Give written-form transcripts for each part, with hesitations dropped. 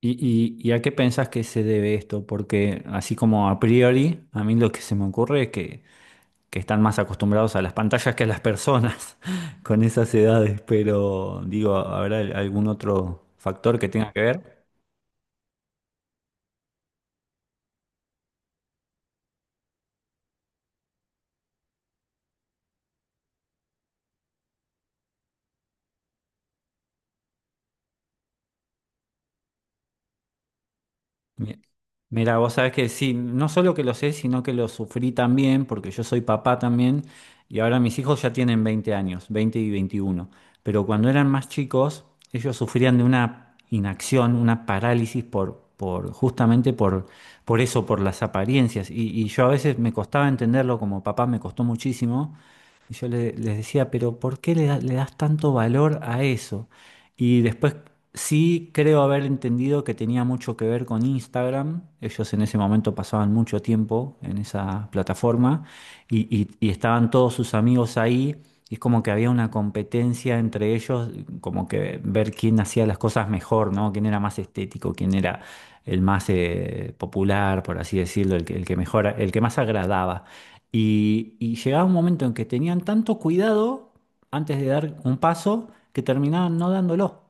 ¿Y, y a qué pensás que se debe esto? Porque así como a priori, a mí lo que se me ocurre es que están más acostumbrados a las pantallas que a las personas con esas edades, pero digo, ¿habrá algún otro factor que tenga que ver? Mi- Mira, vos sabés que sí, no solo que lo sé, sino que lo sufrí también, porque yo soy papá también, y ahora mis hijos ya tienen 20 años, 20 y 21. Pero cuando eran más chicos, ellos sufrían de una inacción, una parálisis por justamente por eso, por las apariencias. Y yo a veces me costaba entenderlo, como papá me costó muchísimo, y yo les decía, pero ¿por qué le das tanto valor a eso? Y después sí creo haber entendido que tenía mucho que ver con Instagram. Ellos en ese momento pasaban mucho tiempo en esa plataforma y estaban todos sus amigos ahí. Y es como que había una competencia entre ellos, como que ver quién hacía las cosas mejor, ¿no? Quién era más estético, quién era el más popular, por así decirlo, el que mejor, el que más agradaba. Y llegaba un momento en que tenían tanto cuidado antes de dar un paso que terminaban no dándolo.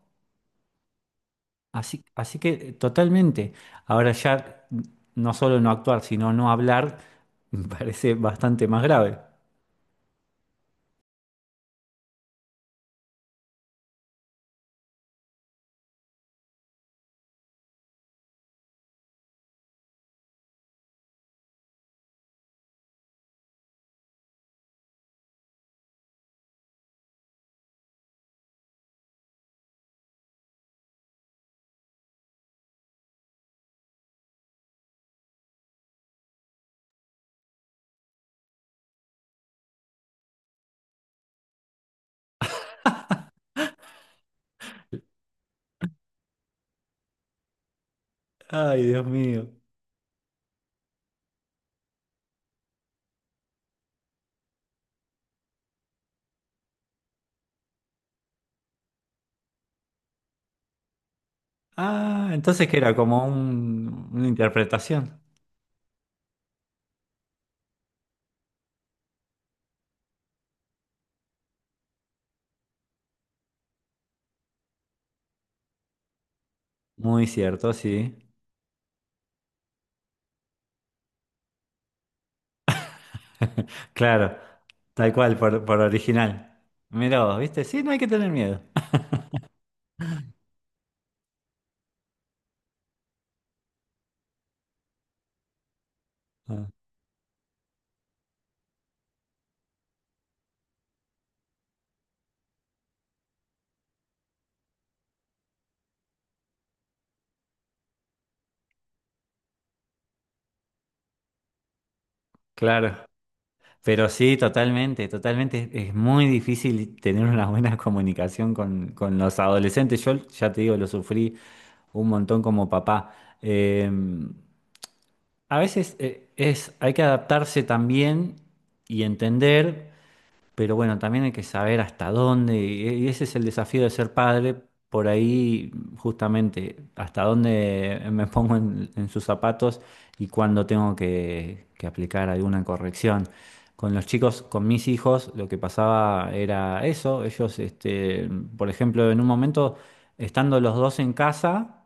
Así que totalmente. Ahora ya no solo no actuar, sino no hablar, me parece bastante más grave. Ay, Dios mío. Ah, entonces que era como una interpretación. Muy cierto, sí. Claro, tal cual, por original. Mirá vos, ¿viste? Sí, no hay que tener miedo. Ah, claro. Pero sí, totalmente, totalmente. Muy difícil tener una buena comunicación con los adolescentes. Yo ya te digo, lo sufrí un montón como papá. Eh, a veces hay que adaptarse también y entender, pero bueno, también hay que saber hasta dónde, y ese es el desafío de ser padre, por ahí justamente, hasta dónde me pongo en sus zapatos y cuándo tengo que aplicar alguna corrección. Con los chicos, con mis hijos, lo que pasaba era eso, ellos, por ejemplo, en un momento, estando los dos en casa,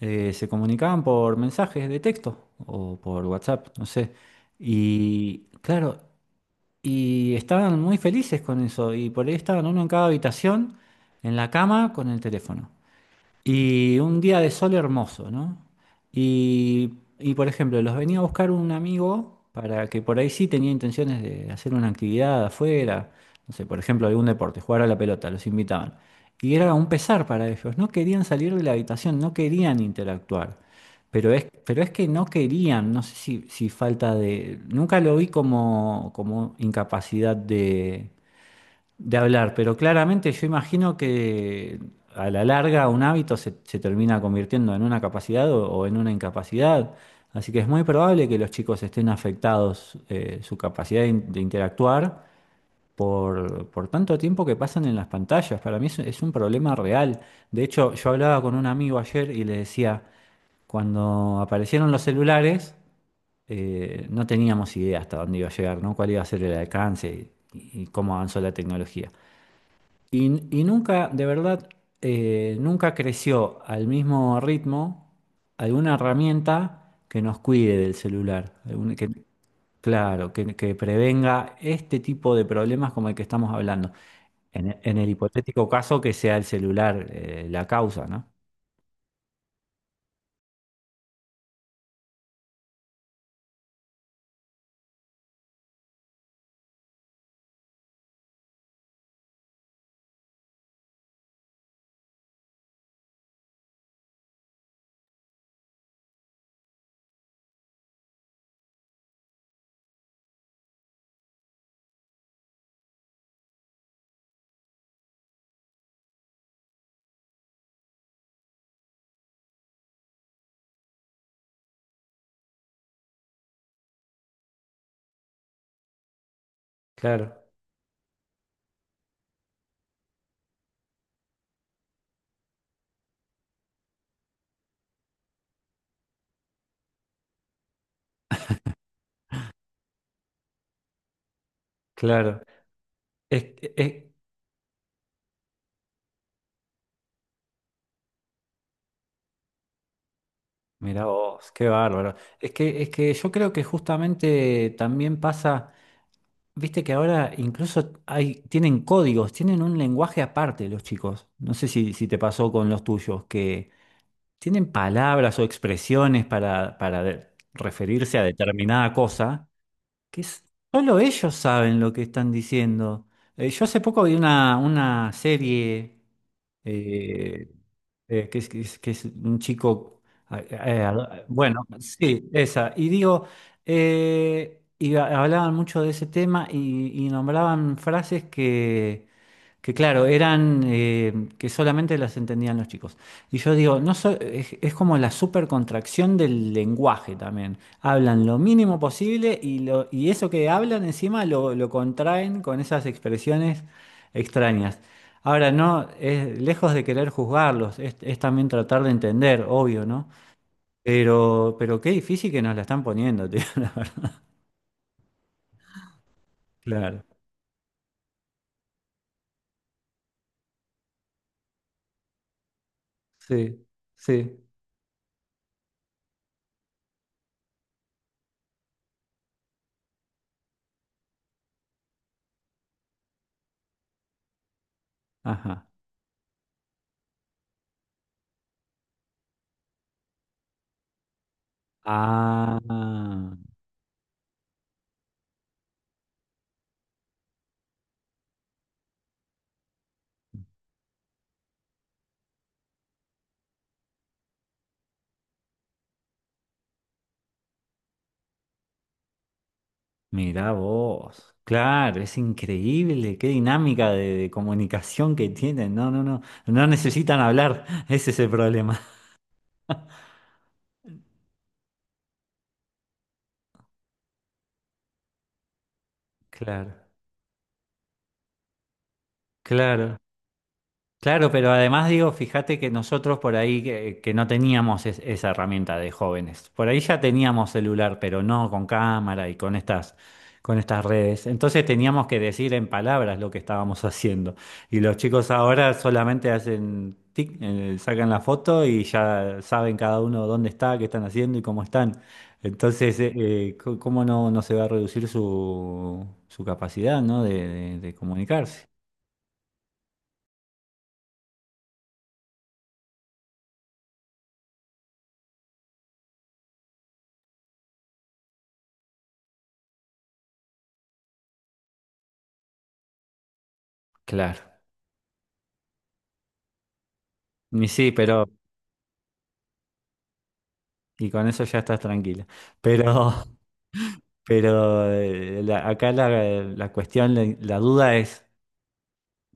se comunicaban por mensajes de texto o por WhatsApp, no sé. Y claro, y estaban muy felices con eso. Y por ahí estaban uno en cada habitación, en la cama, con el teléfono. Y un día de sol hermoso, ¿no? Y, por ejemplo, los venía a buscar un amigo para que por ahí sí tenía intenciones de hacer una actividad afuera, no sé, por ejemplo, algún deporte, jugar a la pelota, los invitaban. Y era un pesar para ellos, no querían salir de la habitación, no querían interactuar. Pero es que no querían, no sé si falta de... Nunca lo vi como, como incapacidad de hablar, pero claramente yo imagino que a la larga un hábito se termina convirtiendo en una capacidad o en una incapacidad, así que es muy probable que los chicos estén afectados su capacidad de interactuar por tanto tiempo que pasan en las pantallas. Para mí es un problema real. De hecho, yo hablaba con un amigo ayer y le decía, cuando aparecieron los celulares, no teníamos idea hasta dónde iba a llegar, ¿no? Cuál iba a ser el alcance y cómo avanzó la tecnología. Y nunca, de verdad, nunca creció al mismo ritmo alguna herramienta que nos cuide del celular, que, claro, que prevenga este tipo de problemas como el que estamos hablando, en el hipotético caso que sea el celular, la causa, ¿no? Claro, claro. Es, es- Mirá vos, qué bárbaro. Es que yo creo que justamente también pasa... Viste que ahora incluso tienen códigos, tienen un lenguaje aparte los chicos. No sé si te pasó con los tuyos, que tienen palabras o expresiones para referirse a determinada cosa que solo ellos saben lo que están diciendo. Yo hace poco vi una serie, eh, que es un chico, a- a- bueno, sí, esa, y digo, hablaban mucho de ese tema y nombraban frases que... Que claro, eran que solamente las entendían los chicos. Y yo digo, no so- es como la supercontracción del lenguaje también. Hablan lo mínimo posible y eso que hablan encima lo contraen con esas expresiones extrañas. Ahora, no, es lejos de querer juzgarlos, es también tratar de entender, obvio, ¿no? Pero qué difícil que nos la están poniendo, tío. Claro. Sí, sí. Ajá. Ah. Mirá vos. Claro, es increíble, qué dinámica de comunicación que tienen. No, no, no, no necesitan hablar, ese es el problema. Claro, claro. Claro, pero además digo, fíjate que nosotros por ahí que no teníamos esa herramienta de jóvenes. Por ahí ya teníamos celular, pero no con cámara y con estas redes. Entonces teníamos que decir en palabras lo que estábamos haciendo. Y los chicos ahora solamente hacen tic, sacan la foto y ya saben cada uno dónde está, qué están haciendo y cómo están. Entonces, ¿cómo no se va a reducir su capacidad, ¿no? de comunicarse? Claro. Y sí, pero, y con eso ya estás tranquila. Pero, acá la cuestión, la duda es,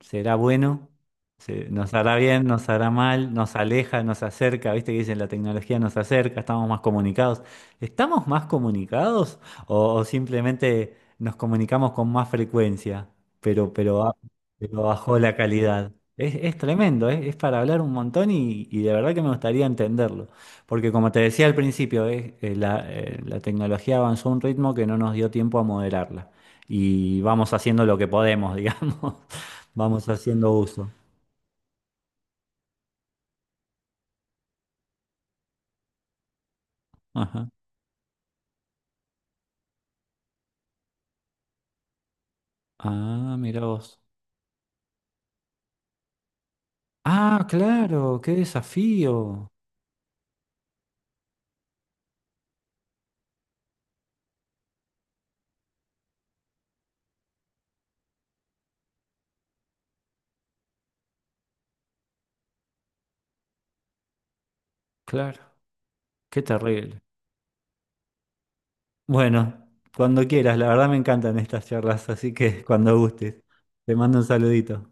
será bueno, nos hará bien, nos hará mal, nos aleja, nos acerca, viste que dicen la tecnología nos acerca, estamos más comunicados. ¿Estamos más comunicados o simplemente nos comunicamos con más frecuencia, pero, pero, ba- pero bajó la calidad? Es tremendo, es para hablar un montón y de verdad que me gustaría entenderlo, porque como te decía al principio, la tecnología avanzó a un ritmo que no nos dio tiempo a moderarla y vamos haciendo lo que podemos, digamos, vamos haciendo uso. Ajá. Ah, mira vos. Ah, claro, qué desafío. Claro, qué terrible. Bueno, cuando quieras, la verdad me encantan estas charlas, así que cuando gustes. Te mando un saludito.